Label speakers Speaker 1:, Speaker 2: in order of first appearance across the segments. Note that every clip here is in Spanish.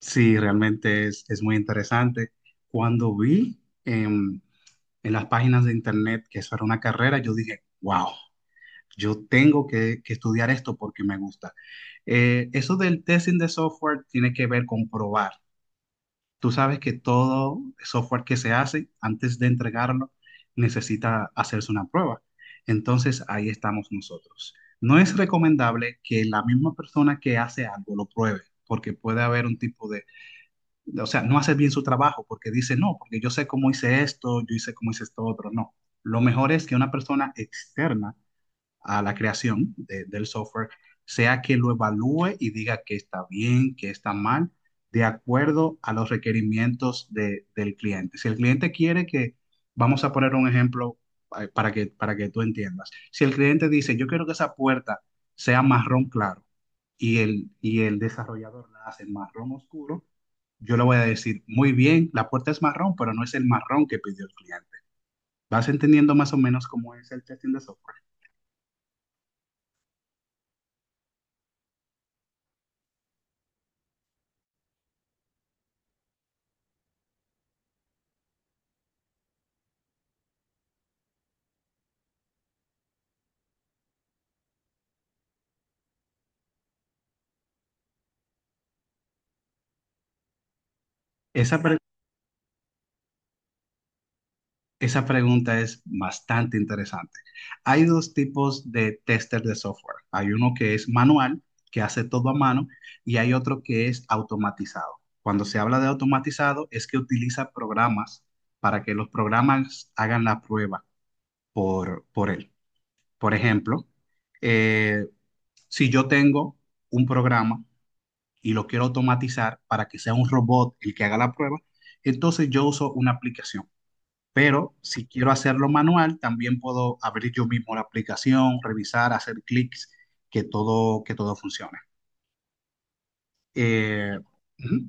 Speaker 1: Sí, realmente es muy interesante. Cuando vi em, en las páginas de internet que eso era una carrera, yo dije, wow, yo tengo que estudiar esto porque me gusta. Eso del testing de software tiene que ver con probar. Tú sabes que todo software que se hace, antes de entregarlo, necesita hacerse una prueba. Entonces, ahí estamos nosotros. No es recomendable que la misma persona que hace algo lo pruebe, porque puede haber un tipo de, o sea, no hace bien su trabajo porque dice, no, porque yo sé cómo hice esto, yo hice cómo hice esto otro, no. Lo mejor es que una persona externa a la creación del software, sea que lo evalúe y diga que está bien, que está mal, de acuerdo a los requerimientos del cliente. Si el cliente quiere que, vamos a poner un ejemplo, para que tú entiendas, si el cliente dice, yo quiero que esa puerta sea marrón claro y el desarrollador la hace marrón oscuro, yo le voy a decir, muy bien, la puerta es marrón, pero no es el marrón que pidió el cliente. Vas entendiendo más o menos cómo es el testing de software. Esa, Esa pregunta es bastante interesante. Hay dos tipos de tester de software. Hay uno que es manual, que hace todo a mano, y hay otro que es automatizado. Cuando se habla de automatizado es que utiliza programas para que los programas hagan la prueba por él. Por ejemplo, eh, si yo tengo un programa y lo quiero automatizar para que sea un robot el que haga la prueba, entonces yo uso una aplicación. Pero si quiero hacerlo manual, también puedo abrir yo mismo la aplicación, revisar, hacer clics, que todo funcione. Eh, ujú.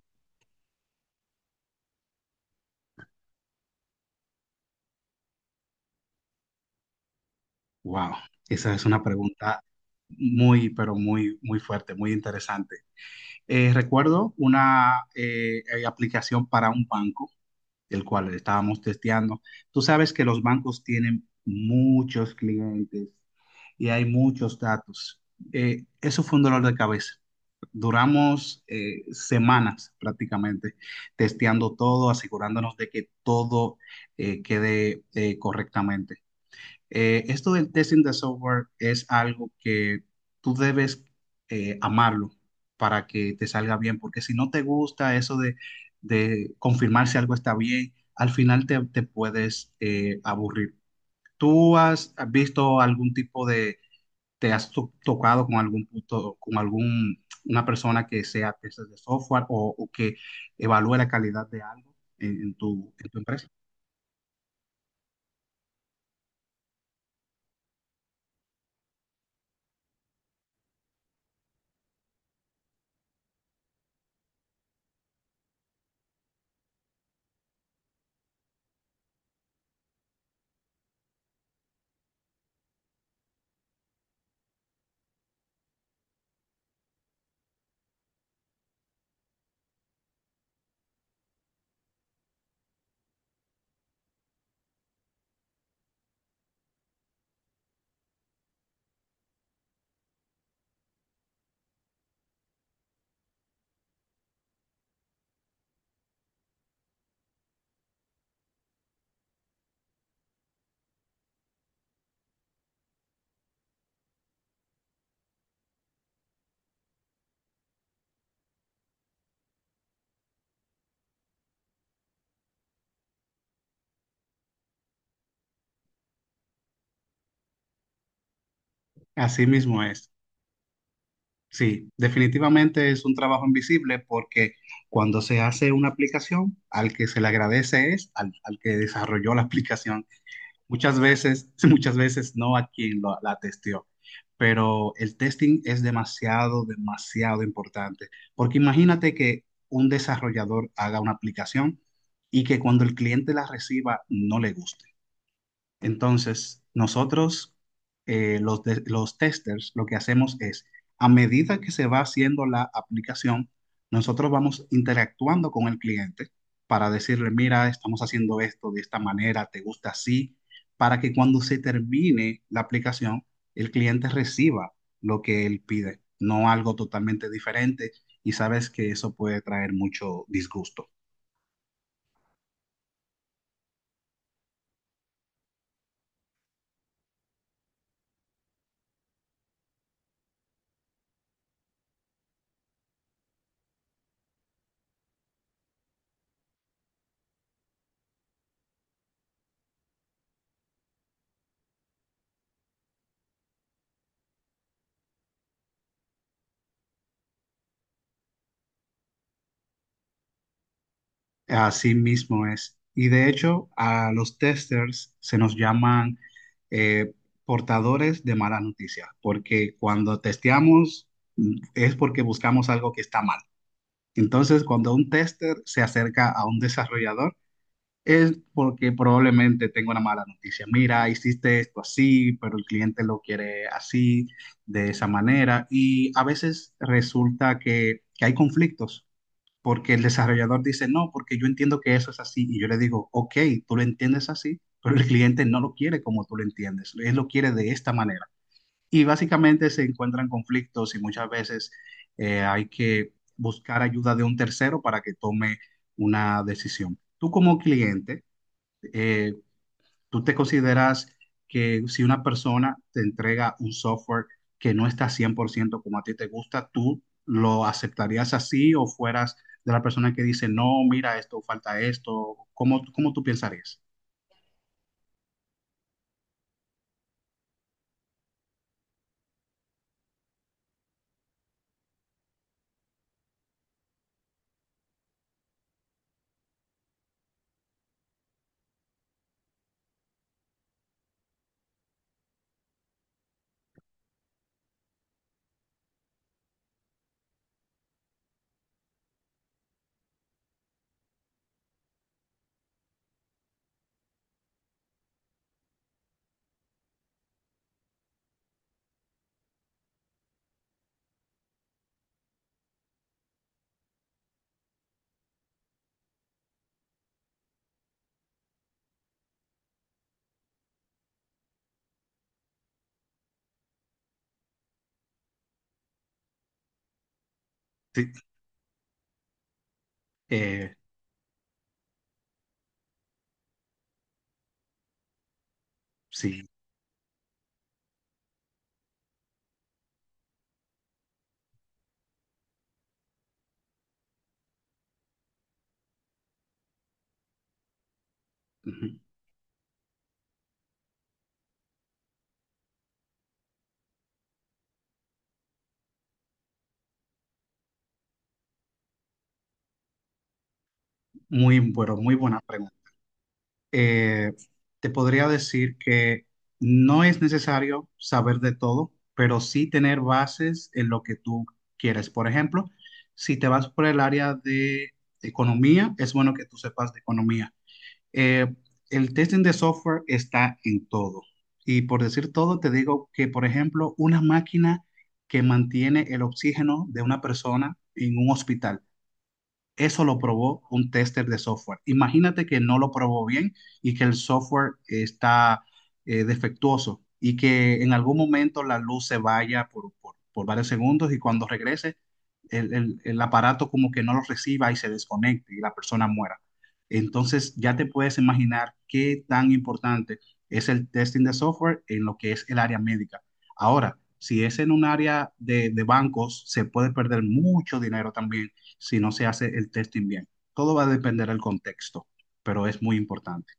Speaker 1: Wow, esa es una pregunta muy, pero muy, muy fuerte, muy interesante. Recuerdo una aplicación para un banco, el cual estábamos testeando. Tú sabes que los bancos tienen muchos clientes y hay muchos datos. Eso fue un dolor de cabeza. Duramos semanas prácticamente testeando todo, asegurándonos de que todo quede correctamente. Esto del testing de software es algo que tú debes amarlo para que te salga bien, porque si no te gusta eso de confirmar si algo está bien, al final te puedes aburrir. ¿Tú has visto algún tipo de, te has tocado con algún punto, con algún, una persona que sea tester de software o que evalúe la calidad de algo en en tu empresa? Así mismo es. Sí, definitivamente es un trabajo invisible porque cuando se hace una aplicación, al que se le agradece es al que desarrolló la aplicación. Muchas veces, muchas veces no a quien la testeó. Pero el testing es demasiado, demasiado importante. Porque imagínate que un desarrollador haga una aplicación y que cuando el cliente la reciba no le guste. Entonces, nosotros, los, los testers, lo que hacemos es, a medida que se va haciendo la aplicación, nosotros vamos interactuando con el cliente para decirle, mira, estamos haciendo esto de esta manera, ¿te gusta así? Para que cuando se termine la aplicación, el cliente reciba lo que él pide, no algo totalmente diferente. Y sabes que eso puede traer mucho disgusto. Así mismo es. Y de hecho, a los testers se nos llaman eh, portadores de mala noticia, porque cuando testeamos es porque buscamos algo que está mal. Entonces, cuando un tester se acerca a un desarrollador, es porque probablemente tenga una mala noticia. Mira, hiciste esto así, pero el cliente lo quiere así, de esa manera. Y a veces resulta que hay conflictos porque el desarrollador dice, no, porque yo entiendo que eso es así. Y yo le digo, ok, tú lo entiendes así, pero el cliente no lo quiere como tú lo entiendes, él lo quiere de esta manera. Y básicamente se encuentran conflictos y muchas veces hay que buscar ayuda de un tercero para que tome una decisión. Tú como cliente, eh, ¿tú te consideras que si una persona te entrega un software que no está 100% como a ti te gusta, tú lo aceptarías así o fueras de la persona que dice, no, mira esto, falta esto? ¿Cómo, cómo tú pensarías? Sí, eh, sí. Ujú. Muy, bueno, muy buena pregunta. eh, Te podría decir que no es necesario saber de todo, pero sí tener bases en lo que tú quieres. Por ejemplo, si te vas por el área de economía, es bueno que tú sepas de economía. Eh, el testing de software está en todo. Y por decir todo, te digo que, por ejemplo, una máquina que mantiene el oxígeno de una persona en un hospital. Eso lo probó un tester de software. Imagínate que no lo probó bien y que el software está defectuoso y que en algún momento la luz se vaya por, por varios segundos y cuando regrese el, el aparato como que no lo reciba y se desconecte y la persona muera. Entonces ya te puedes imaginar qué tan importante es el testing de software en lo que es el área médica. Ahora, si es en un área de bancos, se puede perder mucho dinero también si no se hace el testing bien. Todo va a depender del contexto, pero es muy importante.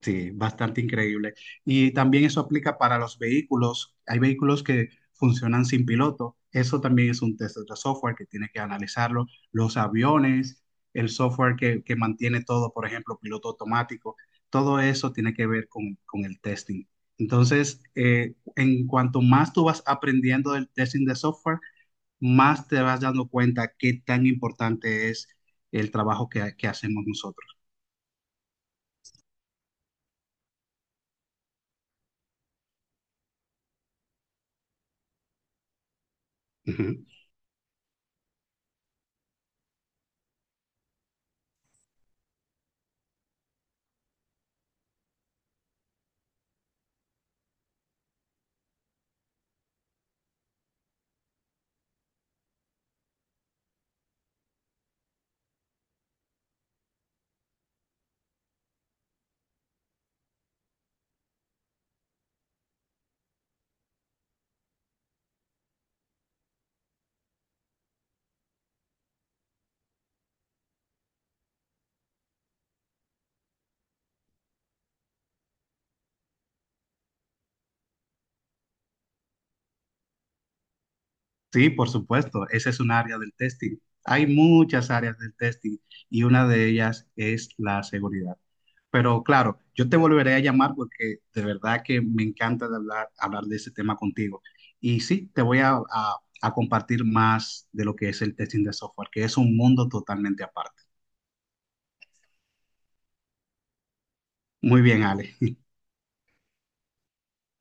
Speaker 1: Sí, bastante increíble. Y también eso aplica para los vehículos. Hay vehículos que funcionan sin piloto. Eso también es un test de software que tiene que analizarlo. Los aviones, el software que mantiene todo, por ejemplo, piloto automático, todo eso tiene que ver con el testing. Entonces, en cuanto más tú vas aprendiendo del testing de software, más te vas dando cuenta qué tan importante es el trabajo que hacemos nosotros. Ujú. Sí, por supuesto, esa es un área del testing. Hay muchas áreas del testing y una de ellas es la seguridad. Pero claro, yo te volveré a llamar porque de verdad que me encanta de hablar, hablar de ese tema contigo. Y sí, te voy a compartir más de lo que es el testing de software, que es un mundo totalmente aparte. Muy bien, Ale.